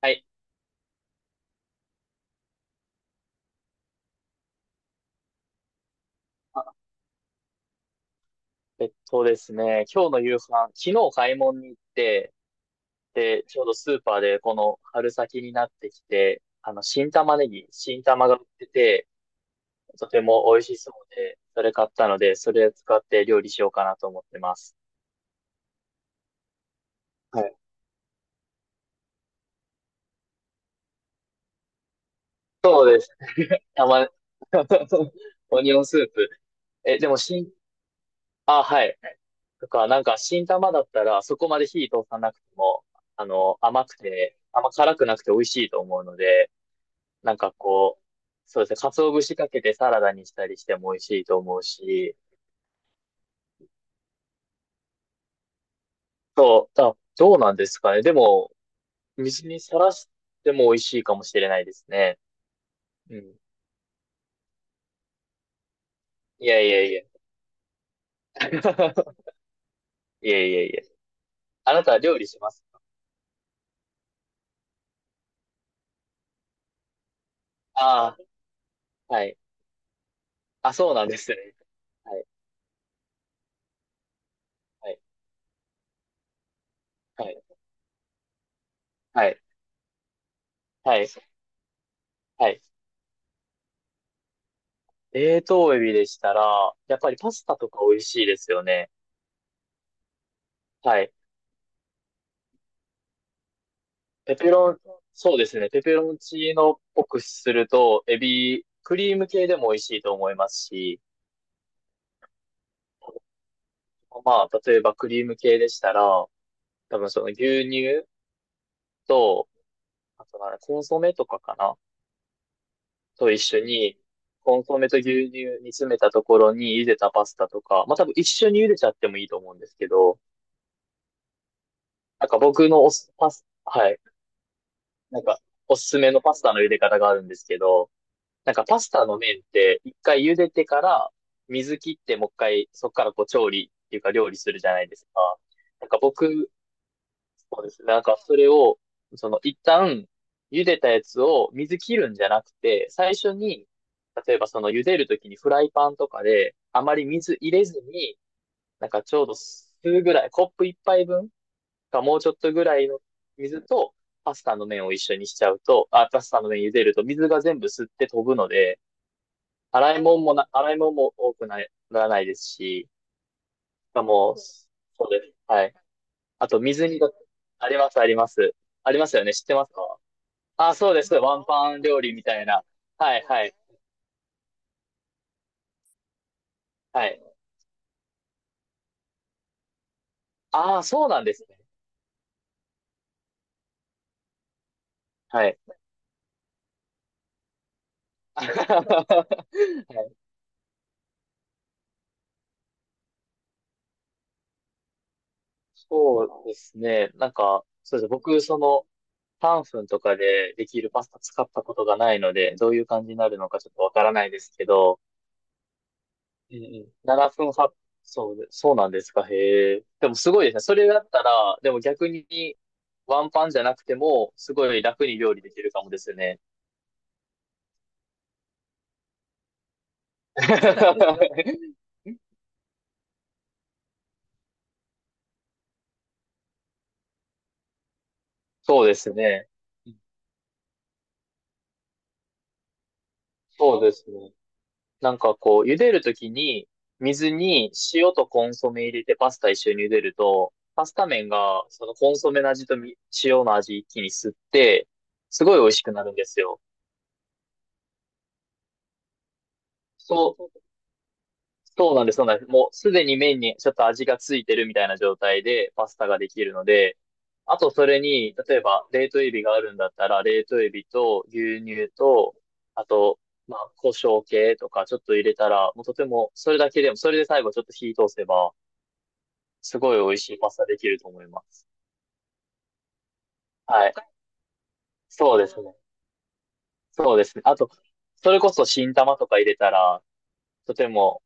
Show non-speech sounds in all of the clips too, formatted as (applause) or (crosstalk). はい。あ、えっとですね、今日の夕飯、昨日買い物に行って、ちょうどスーパーでこの春先になってきて、新玉ねぎ、新玉が売ってて、とても美味しそうで、それ買ったので、それを使って料理しようかなと思ってます。はい。そうです。たま、(laughs) オニオンスープ。え、でも新、あ、はい。なんか新玉だったら、そこまで火通さなくても、甘くて、あんま辛くなくて美味しいと思うので、なんかこう、そうですね、鰹節かけてサラダにしたりしても美味しいと思うし、そう、あ、どうなんですかね。でも、水にさらしても美味しいかもしれないですね。うん。いやいやいや。(laughs) いやいやいや。あなたは料理しますああ、はい。あ、そうなんですね。はい、はい、はい、はい、はい、はい。冷凍エビでしたら、やっぱりパスタとか美味しいですよね。はい。ペペロン、そうですね。ペペロンチーノっぽくすると、エビ、クリーム系でも美味しいと思いますし、まあ、例えばクリーム系でしたら、多分その牛乳と、あとなんだコンソメとかかなと一緒に、コンソメと牛乳煮詰めたところに茹でたパスタとか、まあ多分一緒に茹でちゃってもいいと思うんですけど、なんか僕のおす、パス、はい。なんか、おすすめのパスタの茹で方があるんですけど、なんかパスタの麺って一回茹でてから水切ってもう一回そこからこう調理っていうか料理するじゃないですか。なんか僕、そうですね。なんかそれを、その一旦茹でたやつを水切るんじゃなくて、最初に、例えばその茹でるときにフライパンとかであまり水入れずに、なんかちょうど数ぐらい、コップ一杯分かもうちょっとぐらいの水とパスタの麺を一緒にしちゃうと、あ、パスタの麺茹でると水が全部吸って飛ぶので、洗い物も多くなならないですし、しかも、そうです。はい。あと、水煮が、あります、あります。ありますよね。知ってますか。あ、そうです。ワンパン料理みたいな。はい、はい、はい。ああ、そうなんですね。はい。(laughs) はい。そうですね。なんか、そうです。僕、その、パンフンとかでできるパスタ使ったことがないので、どういう感じになるのかちょっとわからないですけど、ええ、7分8、そうで、そうなんですか、へえ。でもすごいですね。それだったら、でも逆に、ワンパンじゃなくても、すごい楽に料理できるかもですね。(laughs) そうですね。そうですね。なんかこう、茹でるときに、水に塩とコンソメ入れてパスタ一緒に茹でると、パスタ麺が、そのコンソメの味とみ塩の味一気に吸って、すごい美味しくなるんですよ。そう、そうなんです、そうなんです。もうすでに麺にちょっと味がついてるみたいな状態でパスタができるので、あとそれに、例えば冷凍エビがあるんだったら、冷凍エビと牛乳と、あと、まあ、胡椒系とかちょっと入れたら、もうとても、それだけでも、それで最後ちょっと火通せば、すごい美味しいパスタできると思います。はい。そうですね。そうですね。あと、それこそ新玉とか入れたら、とても、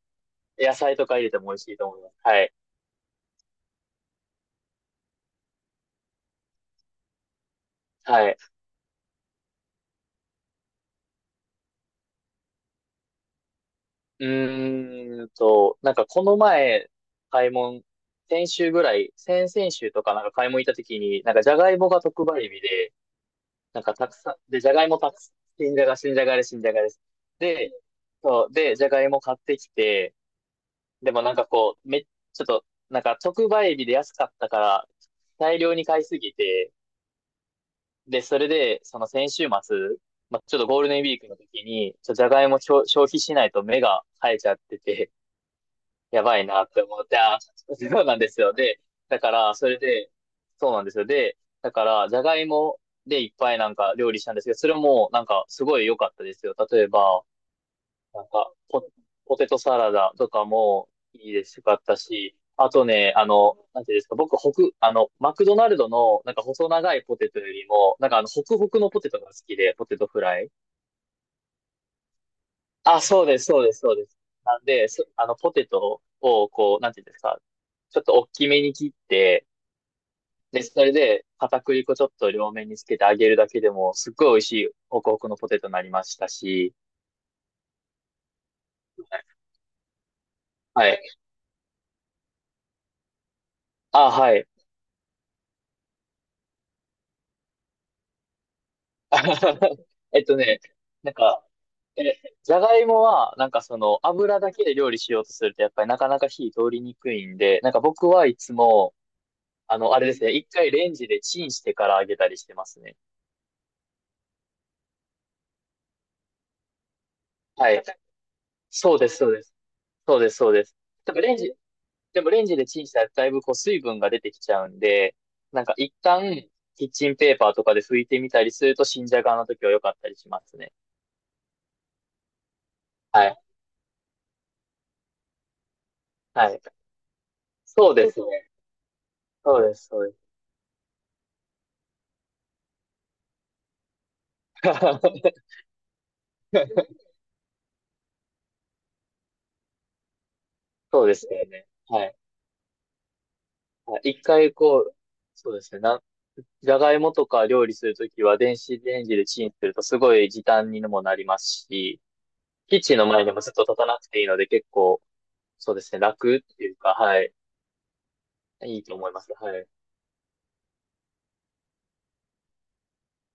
野菜とか入れても美味しいと思います。はい。はい。うーんと、なんかこの前、買い物、先週ぐらい、先々週とかなんか買い物行った時に、なんかじゃがいもが特売日で、なんかたくさん、で、じゃがいもたくさん、新じゃが、新じゃがです、新じゃがです。で、そう、で、じゃがいも買ってきて、でもなんかこう、め、ちょっと、なんか特売日で安かったから、大量に買いすぎて、で、それで、その先週末、まあ、ちょっとゴールデンウィークの時に、じゃがいも消費しないと目が生えちゃってて、やばいなって思って、あー、そうなんですよ。で、だから、それで、そうなんですよ。で、だから、じゃがいもでいっぱいなんか料理したんですけど、それもなんかすごい良かったですよ。例えば、なんかポ、ポテトサラダとかもいいですよかったし、あとね、あの、なんていうんですか、僕、ホク、あの、マクドナルドのなんか細長いポテトよりも、なんかあの、ホクホクのポテトが好きで、ポテトフライ。あ、そうです、そうです、そうです。なんで、そ、あの、ポテトを、こう、なんていうんですか、ちょっと大きめに切って、で、それで、片栗粉ちょっと両面につけて揚げるだけでも、すっごい美味しい、ホクホクのポテトになりましたし、はい。あ、はい。(laughs) えっとね、なんか、え、じゃがいもは、なんかその、油だけで料理しようとすると、やっぱりなかなか火通りにくいんで、なんか僕はいつも、あの、あれですね、一回レンジでチンしてから揚げたりしてますね。はい。そうです、そうです。そうです、そうです。でもレンジ、でもレンジでチンしたらだいぶこう水分が出てきちゃうんで、なんか一旦キッチンペーパーとかで拭いてみたりすると新じゃがの時は良かったりしますね。はい。はい。そうですね。そうです、そうです。(laughs) そうですよね。はい。はい一回こう、そうですね。な、じゃがいもとか料理するときは電子レンジでチンするとすごい時短にもなりますし、キッチンの前にもずっと立たなくていいので結構、そうですね、楽っていうか、はい。いいと思います。はい。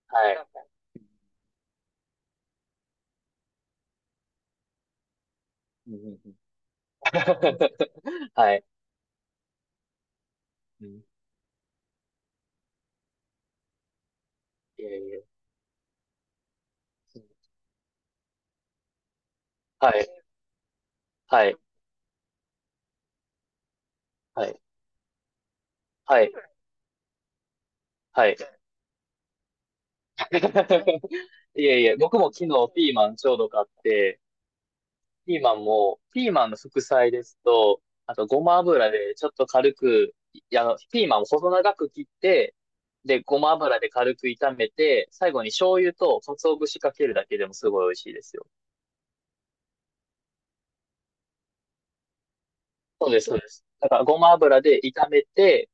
はい。うんうんうん (laughs) はい。うん。いえいえ。はい。はい。はい。はい。はい。(laughs) いえいえ、(laughs) 僕も昨日ピーマンちょうど買って、ピーマンも、ピーマンの副菜ですと、あとごま油でちょっと軽く、い、あの、ピーマンを細長く切って、で、ごま油で軽く炒めて、最後に醤油と鰹節かけるだけでもすごい美味しいですよ。そうです、そうです。だからごま油で炒めて、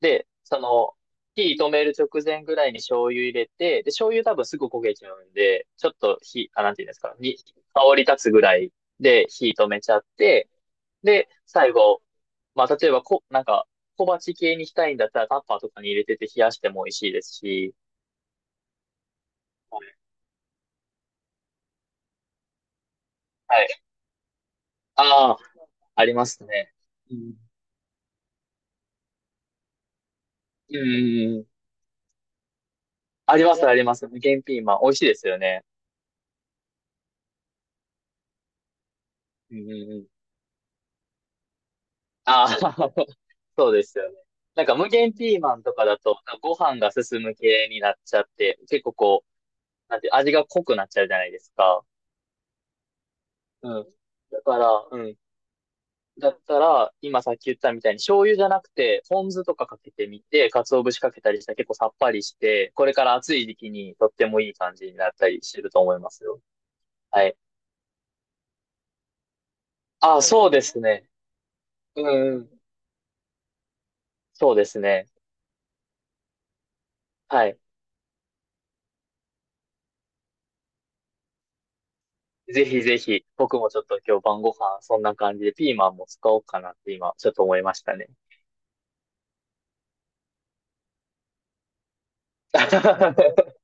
で、その、火止める直前ぐらいに醤油入れて、で、醤油多分すぐ焦げちゃうんで、ちょっと火、あ、なんていうんですか、に、香り立つぐらいで火止めちゃって、で、最後、まあ、例えばこ、なんか、小鉢系にしたいんだったらタッパーとかに入れてて冷やしても美味しいですし、はい。ああ、ありますね。うん。うんうんうん。あります、あります。無限ピーマン。美味しいですよね。うんうんうん。ああそうですよね。なんか無限ピーマンとかだと、ご飯が進む系になっちゃって、結構こう、なんて、味が濃くなっちゃうじゃないですか。うん。だから、うん。だったら、今さっき言ったみたいに醤油じゃなくて、ポン酢とかかけてみて、鰹節かけたりしたら結構さっぱりして、これから暑い時期にとってもいい感じになったりしてると思いますよ。はい。あ、そうですそうねですね。うんうん。そうですね。はい。ぜひぜひ、僕もちょっと今日晩ご飯、そんな感じでピーマンも使おうかなって今、ちょっと思いましたね。(laughs)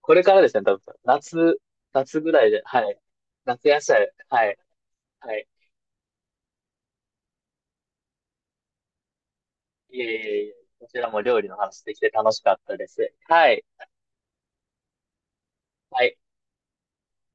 これからですね、多分、夏、夏ぐらいで、はい。夏野菜、はい、はい。いえいえいえ、こちらも料理の話できて楽しかったです。はい、はい。